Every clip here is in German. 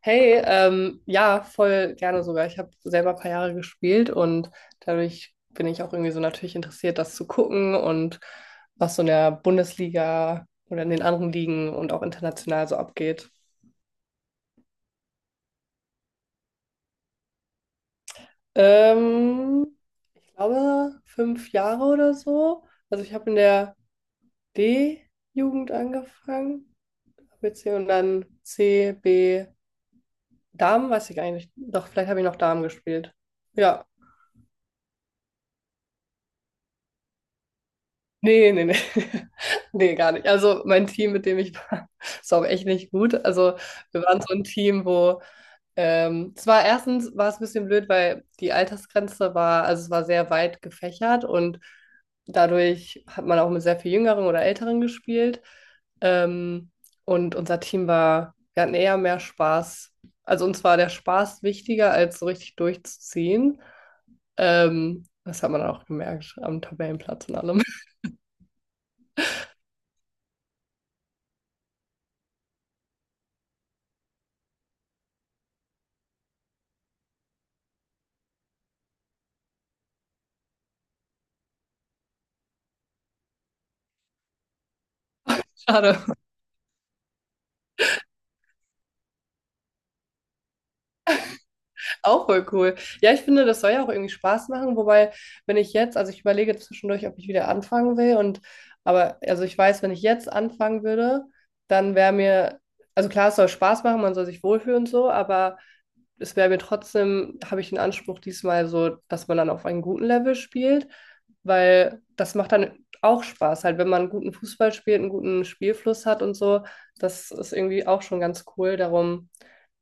Hey, ja, voll gerne sogar. Ich habe selber ein paar Jahre gespielt und dadurch bin ich auch irgendwie so natürlich interessiert, das zu gucken und was so in der Bundesliga oder in den anderen Ligen und auch international so abgeht. Ähm, Ich glaube, fünf Jahre oder so. Also ich habe in der D-Jugend angefangen, hab jetzt hier und dann C, B, Damen, weiß ich eigentlich. Doch, vielleicht habe ich noch Damen gespielt. Ja. Ne, ne, ne. Ne, gar nicht. Also mein Team, mit dem ich war, ist auch echt nicht gut. Also wir waren so ein Team, wo es war erstens war es ein bisschen blöd, weil die Altersgrenze war, also es war sehr weit gefächert, und dadurch hat man auch mit sehr viel Jüngeren oder Älteren gespielt. Ähm, und unser Team war, wir hatten eher mehr Spaß. Also uns war der Spaß wichtiger, als so richtig durchzuziehen. Das hat man auch gemerkt am Tabellenplatz und allem. Schade. Auch voll cool. Ja, ich finde, das soll ja auch irgendwie Spaß machen, wobei, wenn ich jetzt, also ich überlege zwischendurch, ob ich wieder anfangen will, und aber also ich weiß, wenn ich jetzt anfangen würde, dann wäre mir, also klar, es soll Spaß machen, man soll sich wohlfühlen und so, aber es wäre mir trotzdem, habe ich den Anspruch diesmal so, dass man dann auf einem guten Level spielt, weil das macht dann auch Spaß, halt, wenn man guten Fußball spielt, einen guten Spielfluss hat und so. Das ist irgendwie auch schon ganz cool. Darum,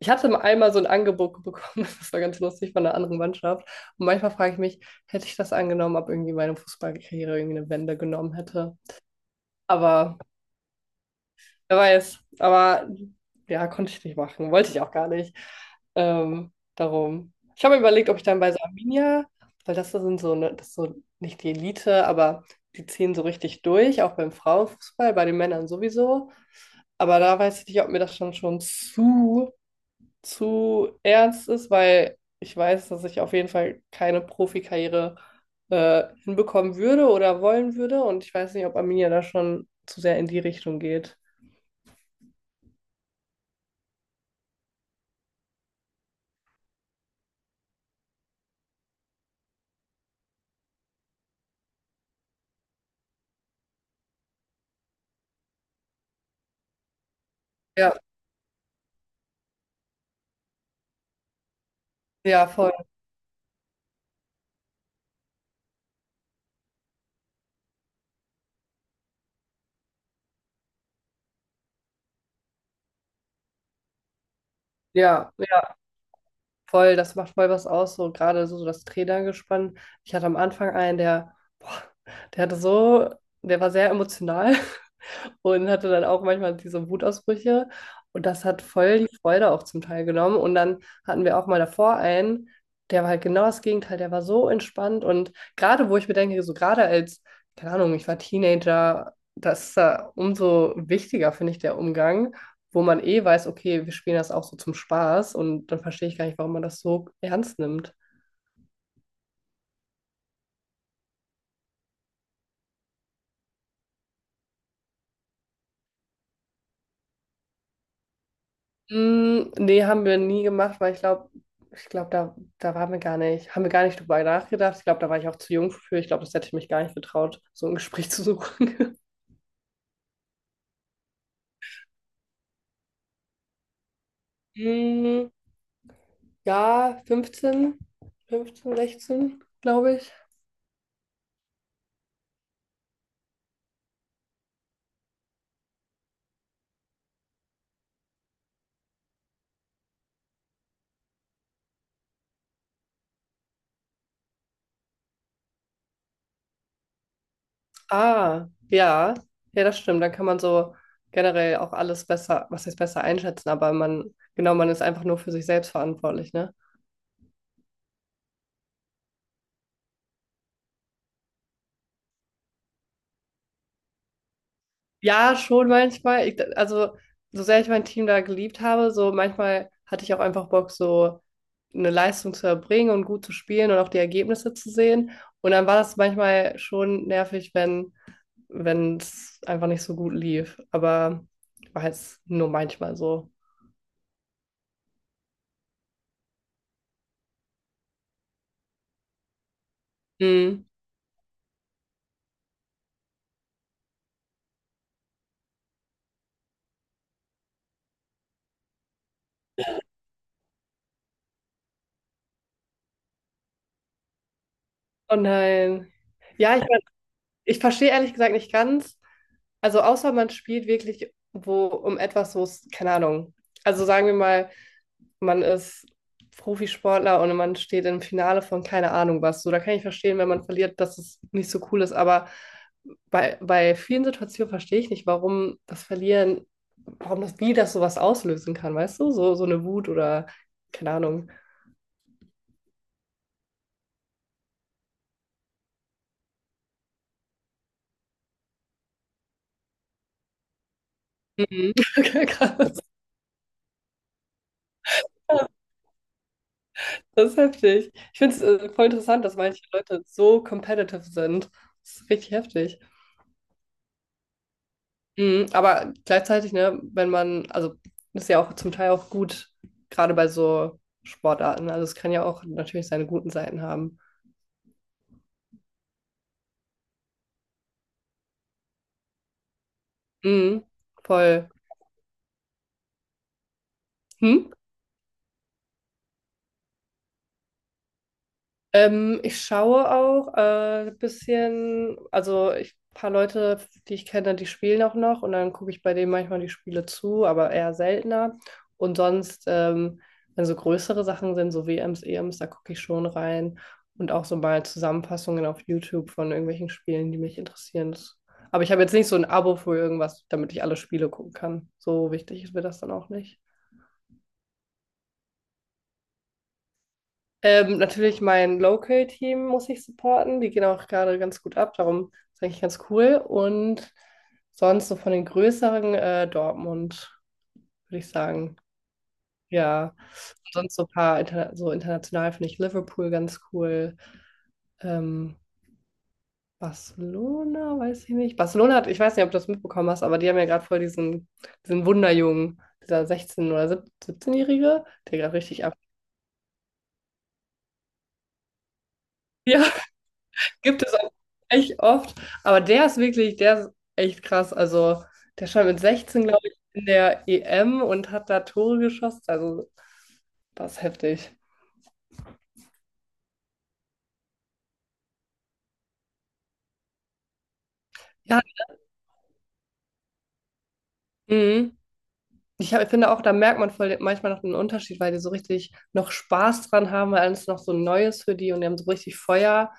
ich hatte mal einmal so ein Angebot bekommen, das war ganz lustig, von einer anderen Mannschaft. Und manchmal frage ich mich, hätte ich das angenommen, ob irgendwie meine Fußballkarriere irgendwie eine Wende genommen hätte. Aber wer weiß. Aber ja, konnte ich nicht machen. Wollte ich auch gar nicht. Darum. Ich habe mir überlegt, ob ich dann bei so Arminia, weil das sind so, ne, das ist so nicht die Elite, aber die ziehen so richtig durch, auch beim Frauenfußball, bei den Männern sowieso. Aber da weiß ich nicht, ob mir das schon zu ernst ist, weil ich weiß, dass ich auf jeden Fall keine Profikarriere hinbekommen würde oder wollen würde. Und ich weiß nicht, ob Arminia da schon zu sehr in die Richtung geht. Ja, ja, voll. Ja, ja, voll, das macht voll was aus, so gerade so das Trainergespann. Ich hatte am Anfang einen, der, boah, der hatte so, der war sehr emotional. Und hatte dann auch manchmal diese Wutausbrüche. Und das hat voll die Freude auch zum Teil genommen. Und dann hatten wir auch mal davor einen, der war halt genau das Gegenteil, der war so entspannt. Und gerade wo ich mir denke, so gerade als, keine Ahnung, ich war Teenager, das ist ja umso wichtiger, finde ich, der Umgang, wo man eh weiß, okay, wir spielen das auch so zum Spaß. Und dann verstehe ich gar nicht, warum man das so ernst nimmt. Mm, nee, haben wir nie gemacht, weil ich glaube, da waren wir gar nicht, haben wir gar nicht drüber nachgedacht. Ich glaube, da war ich auch zu jung für. Ich glaube, das hätte ich mich gar nicht getraut, so ein Gespräch zu suchen. Mm, ja, 15, 16, glaube ich. Ah, ja, ja, das stimmt. Dann kann man so generell auch alles besser, was heißt besser einschätzen, aber man, genau, man ist einfach nur für sich selbst verantwortlich, ne? Ja, schon manchmal. Ich, also, so sehr ich mein Team da geliebt habe, so manchmal hatte ich auch einfach Bock, so eine Leistung zu erbringen und gut zu spielen und auch die Ergebnisse zu sehen. Und dann war das manchmal schon nervig, wenn es einfach nicht so gut lief. Aber war jetzt nur manchmal so. Mhm. Oh nein. Ja, ich verstehe ehrlich gesagt nicht ganz. Also außer man spielt wirklich wo um etwas, wo es, keine Ahnung. Also sagen wir mal, man ist Profisportler und man steht im Finale von keine Ahnung was. So, da kann ich verstehen, wenn man verliert, dass es nicht so cool ist. Aber bei vielen Situationen verstehe ich nicht, warum das Verlieren, warum das, wie das sowas auslösen kann, weißt du? So, so eine Wut oder keine Ahnung. Mhm. Okay, krass. Das ist heftig. Ich finde es voll interessant, dass manche Leute so competitive sind. Das ist richtig heftig. Mhm, aber gleichzeitig, ne, wenn man, also das ist ja auch zum Teil auch gut, gerade bei so Sportarten. Also es kann ja auch natürlich seine guten Seiten haben. Mhm, voll. Hm? Ich schaue auch ein bisschen, also ich, ein paar Leute, die ich kenne, die spielen auch noch, und dann gucke ich bei denen manchmal die Spiele zu, aber eher seltener. Und sonst, wenn so größere Sachen sind, so WMs, EMs, da gucke ich schon rein und auch so mal Zusammenfassungen auf YouTube von irgendwelchen Spielen, die mich interessieren. Das, aber ich habe jetzt nicht so ein Abo für irgendwas, damit ich alle Spiele gucken kann. So wichtig ist mir das dann auch nicht. Natürlich mein Local-Team muss ich supporten. Die gehen auch gerade ganz gut ab, darum ist eigentlich ganz cool. Und sonst so von den größeren Dortmund, würde ich sagen. Ja. Und sonst so ein paar interna, so international finde ich Liverpool ganz cool. Ähm, Barcelona, weiß ich nicht. Barcelona hat, ich weiß nicht, ob du das mitbekommen hast, aber die haben ja gerade voll diesen Wunderjungen, dieser 16- oder 17-Jährige, der gerade richtig ab. Ja, gibt es auch echt oft, aber der ist wirklich, der ist echt krass. Also, der stand mit 16, glaube ich, in der EM und hat da Tore geschossen. Also, das ist heftig. Ja, mhm. Ich finde auch, da merkt man voll manchmal noch den Unterschied, weil die so richtig noch Spaß dran haben, weil alles noch so Neues für die, und die haben so richtig Feuer.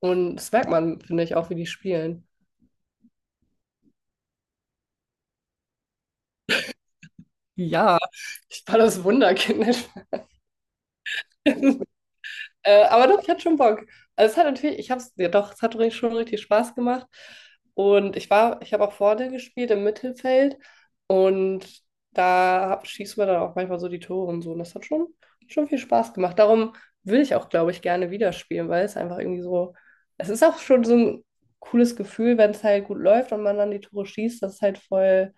Und das merkt man, finde ich, auch, wie die spielen. Ja, ich war das Wunderkind. Aber doch, ich hatte schon Bock. Also es hat natürlich, ich habe es, ja doch, es hat schon richtig Spaß gemacht. Und ich habe auch vorne gespielt im Mittelfeld, und da hab, schießen wir dann auch manchmal so die Tore und so. Und das hat schon, viel Spaß gemacht. Darum will ich auch, glaube ich, gerne wieder spielen, weil es einfach irgendwie so, es ist auch schon so ein cooles Gefühl, wenn es halt gut läuft und man dann die Tore schießt. Das ist halt voll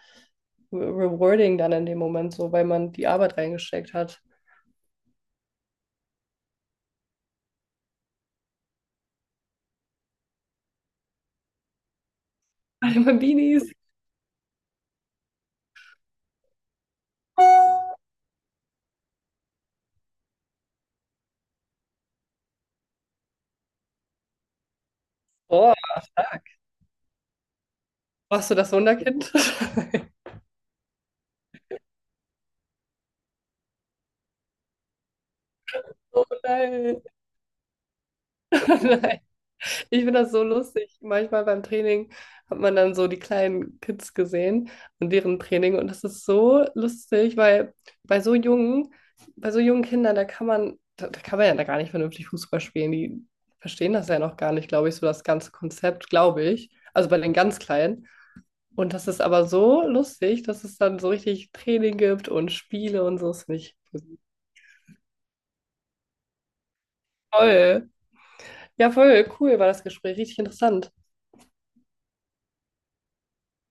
rewarding dann in dem Moment so, weil man die Arbeit reingesteckt hat. Alle Bambinis. Oh. Warst du das Wunderkind? Oh nein. Nein. Ich finde das so lustig. Manchmal beim Training hat man dann so die kleinen Kids gesehen und deren Training. Und das ist so lustig, weil bei so jungen, bei so jungen Kindern, da kann man ja da gar nicht vernünftig Fußball spielen. Die verstehen das ja noch gar nicht, glaube ich, so das ganze Konzept, glaube ich. Also bei den ganz Kleinen. Und das ist aber so lustig, dass es dann so richtig Training gibt und Spiele und so. Das finde ich toll. Ja, voll cool war das Gespräch, richtig interessant.